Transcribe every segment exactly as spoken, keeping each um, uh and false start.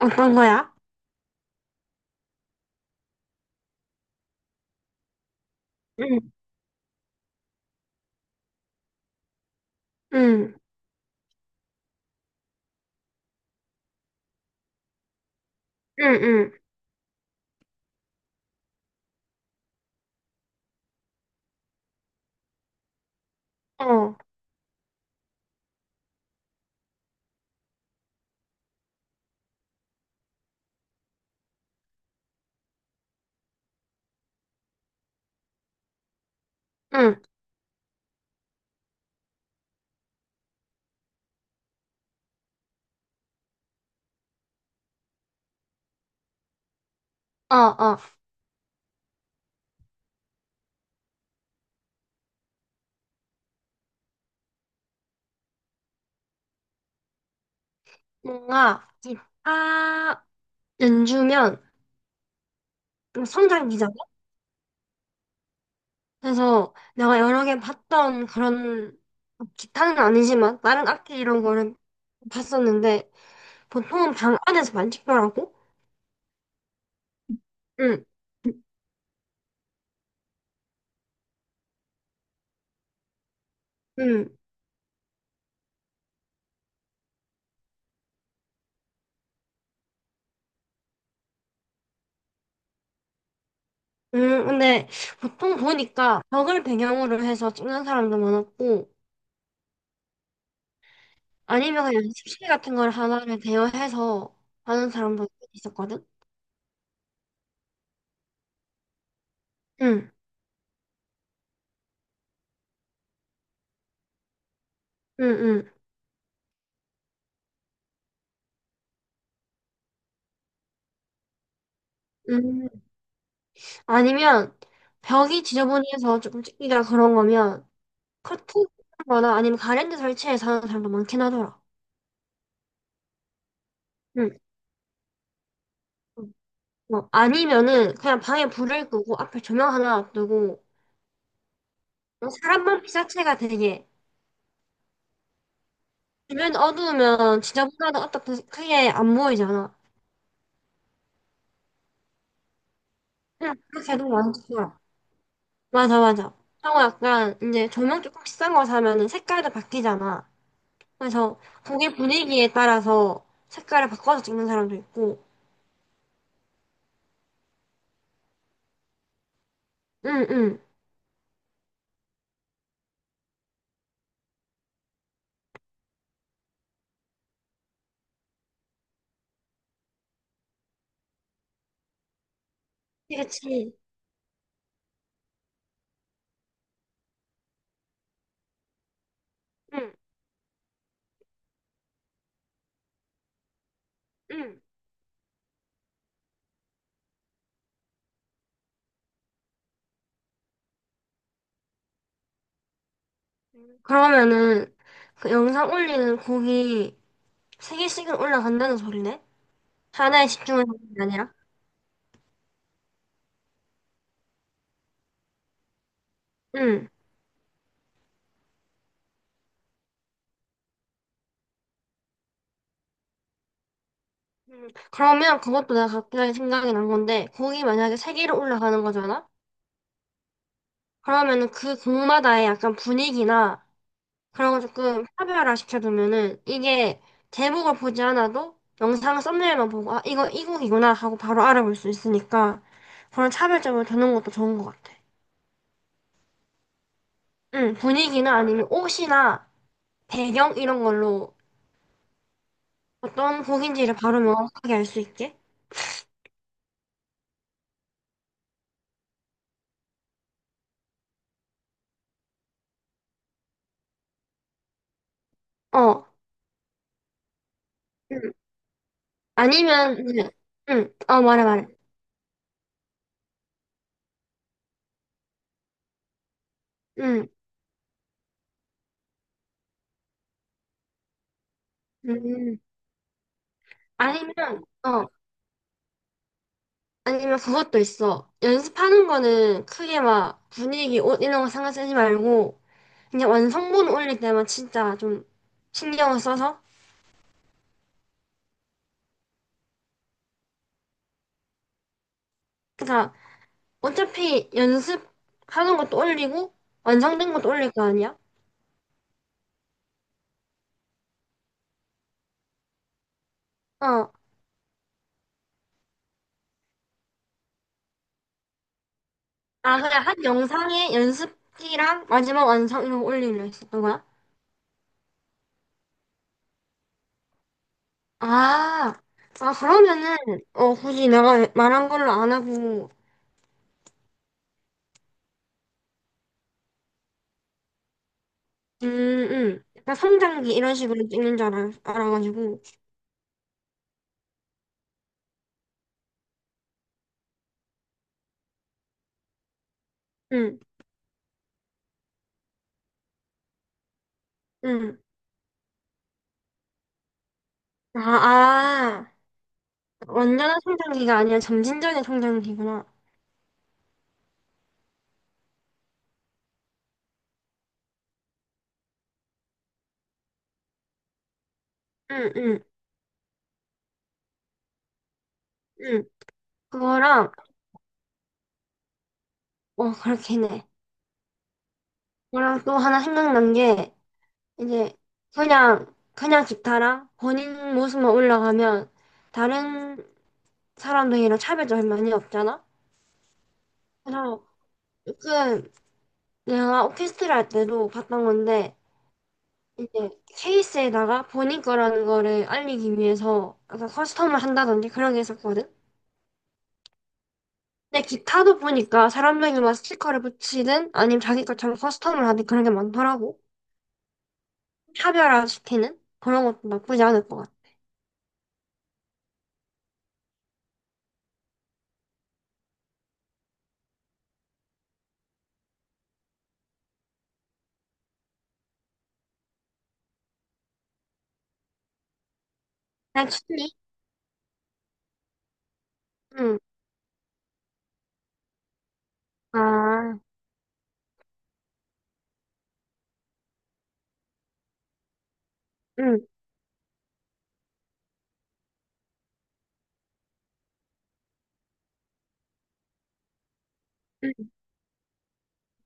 어떤 거야? 응, 응, 응, 응, 어, 응, 어, 어. 뭔가 기타 연주면 성장기잖아. 그래서 내가 여러 개 봤던 그런 기타는 아니지만 다른 악기 이런 거는 봤었는데 보통은 방 안에서만 찍더라고. 응, 응, 응. 음, 근데 보통 보니까 벽을 배경으로 해서 찍는 사람도 많았고, 아니면 그냥 연습실 같은 걸 하나를 대여해서 하는 사람도 있었거든. 응, 응, 응, 응. 아니면 벽이 지저분해서 조금 찢기다 그런 거면 커튼 거나 아니면 가랜드 설치해서 하는 사람도 많긴 하더라. 응. 응. 뭐 아니면은 그냥 방에 불을 끄고 앞에 조명 하나 놔두고 뭐 사람만 피사체가 되게 주변 어두우면 지저분하다 어떻게 크게 안 보이잖아. 응, 그렇게 해도 많더라. 맞아, 맞아. 하고 약간 이제 조명 조금 비싼 거 사면은 색깔도 바뀌잖아. 그래서 거기 분위기에 따라서 색깔을 바꿔서 찍는 사람도 있고, 응, 응. 그치, 지 응, 응. 그러면은 그 영상 올리는 곡이 세 개씩은 올라간다는 소리네? 하나에 집중 하는 게 아니라? 응. 그러면 그것도 내가 갑자기 생각이 난 건데, 곡이 만약에 세 개로 올라가는 거잖아? 그러면은 그 곡마다의 약간 분위기나 그런 거 조금 차별화 시켜두면은 이게 제목을 보지 않아도 영상 썸네일만 보고 아 이거 이곡이구나 하고 바로 알아볼 수 있으니까 그런 차별점을 두는 것도 좋은 것 같아. 응, 분위기나 아니면 옷이나 배경 이런 걸로 어떤 곡인지를 바로 명확하게 알 수 있게. 어. 응. 아니면 응. 응. 어, 말해 말해. 응. 음. 아니면 어. 아니면 그것도 있어. 연습하는 거는 크게 막 분위기, 옷 이런 거 상관 쓰지 말고 그냥 완성본 올릴 때만 진짜 좀 신경을 써서. 그니까 어차피 연습하는 것도 올리고 완성된 것도 올릴 거 아니야? 어. 아 그냥 한 영상에 연습기랑 마지막 완성 이런 거 올리려 했었던 거야? 아, 아 그러면은 어 굳이 내가 말한 걸로 안 하고. 음, 음. 약간 성장기 이런 식으로 찍는 줄 알아, 알아가지고 음, 음. 아, 아. 완전한 성장기가 아니라 점진적인 성장기구나. 응, 응. 응, 그거랑, 어, 그렇긴 해. 그거랑 또 하나 생각난 게, 이제, 그냥, 그냥 기타랑 본인 모습만 올라가면, 다른 사람들이랑 차별점이 많이 없잖아? 그래서, 그, 내가 오케스트라 할 때도 봤던 건데, 이제, 케이스에다가 본인 거라는 거를 알리기 위해서, 약간 커스텀을 한다든지 그런 게 있었거든? 근데 기타도 보니까 사람들이 막 스티커를 붙이든, 아니면 자기 것처럼 커스텀을 하든 그런 게 많더라고. 차별화시키는 그런 것도 나쁘지 않을 것 같아. 그냥 취미? 응. 아, 응, 응.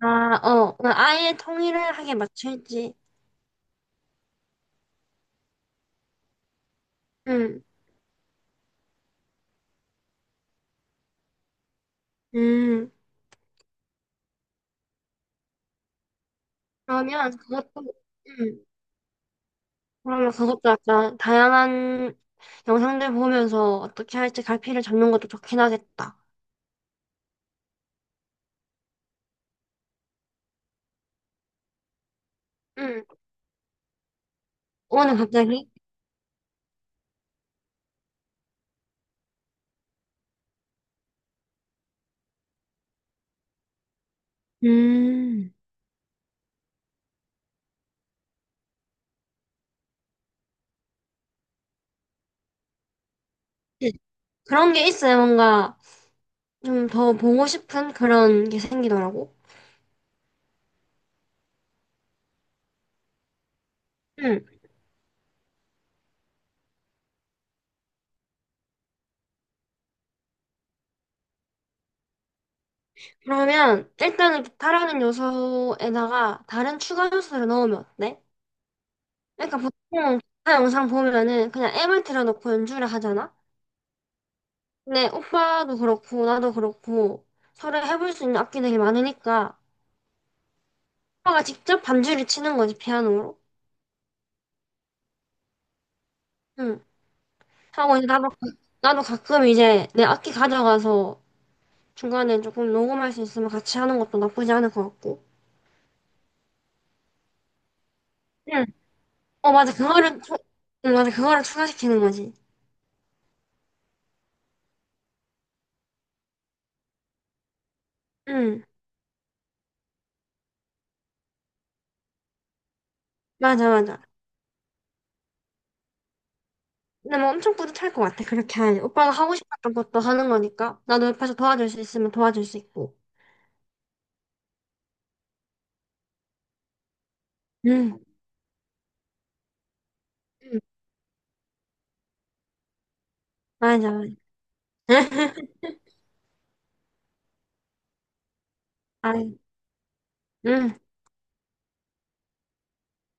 아, 어. 그냥 아예 통일하게 맞출지. 응, 음. 그러면 그것도, 응. 그러면 그것도 약간 다양한 영상들 보면서 어떻게 할지 갈피를 잡는 것도 좋긴 하겠다. 응. 오늘 갑자기? 음. 그런 게 있어요. 뭔가 좀 더 보고 싶은 그런 게 생기더라고. 응. 그러면 일단은 기타라는 요소에다가 다른 추가 요소를 넣으면 어때? 그러니까 보통 기타 영상 보면은 그냥 앱을 틀어놓고 연주를 하잖아? 근데 오빠도 그렇고 나도 그렇고 서로 해볼 수 있는 악기들이 많으니까 오빠가 직접 반주를 치는 거지 피아노로. 응. 하고 이제 나도 가- 나도 가끔 이제 내 악기 가져가서 중간에 조금 녹음할 수 있으면 같이 하는 것도 나쁘지 않을 것 같고. 응. 어 맞아 그거를 추- 응 맞아 그거를 추가시키는 거지. 응. 맞아 맞아. 근데 뭐 엄청 뿌듯할 것 같아. 그렇게 하면. 오빠가 하고 싶었던 것도 하는 거니까. 나도 옆에서 도와줄 수 있으면 도와줄 수 있고. 응. 응. 맞아, 맞아. 아이, 응.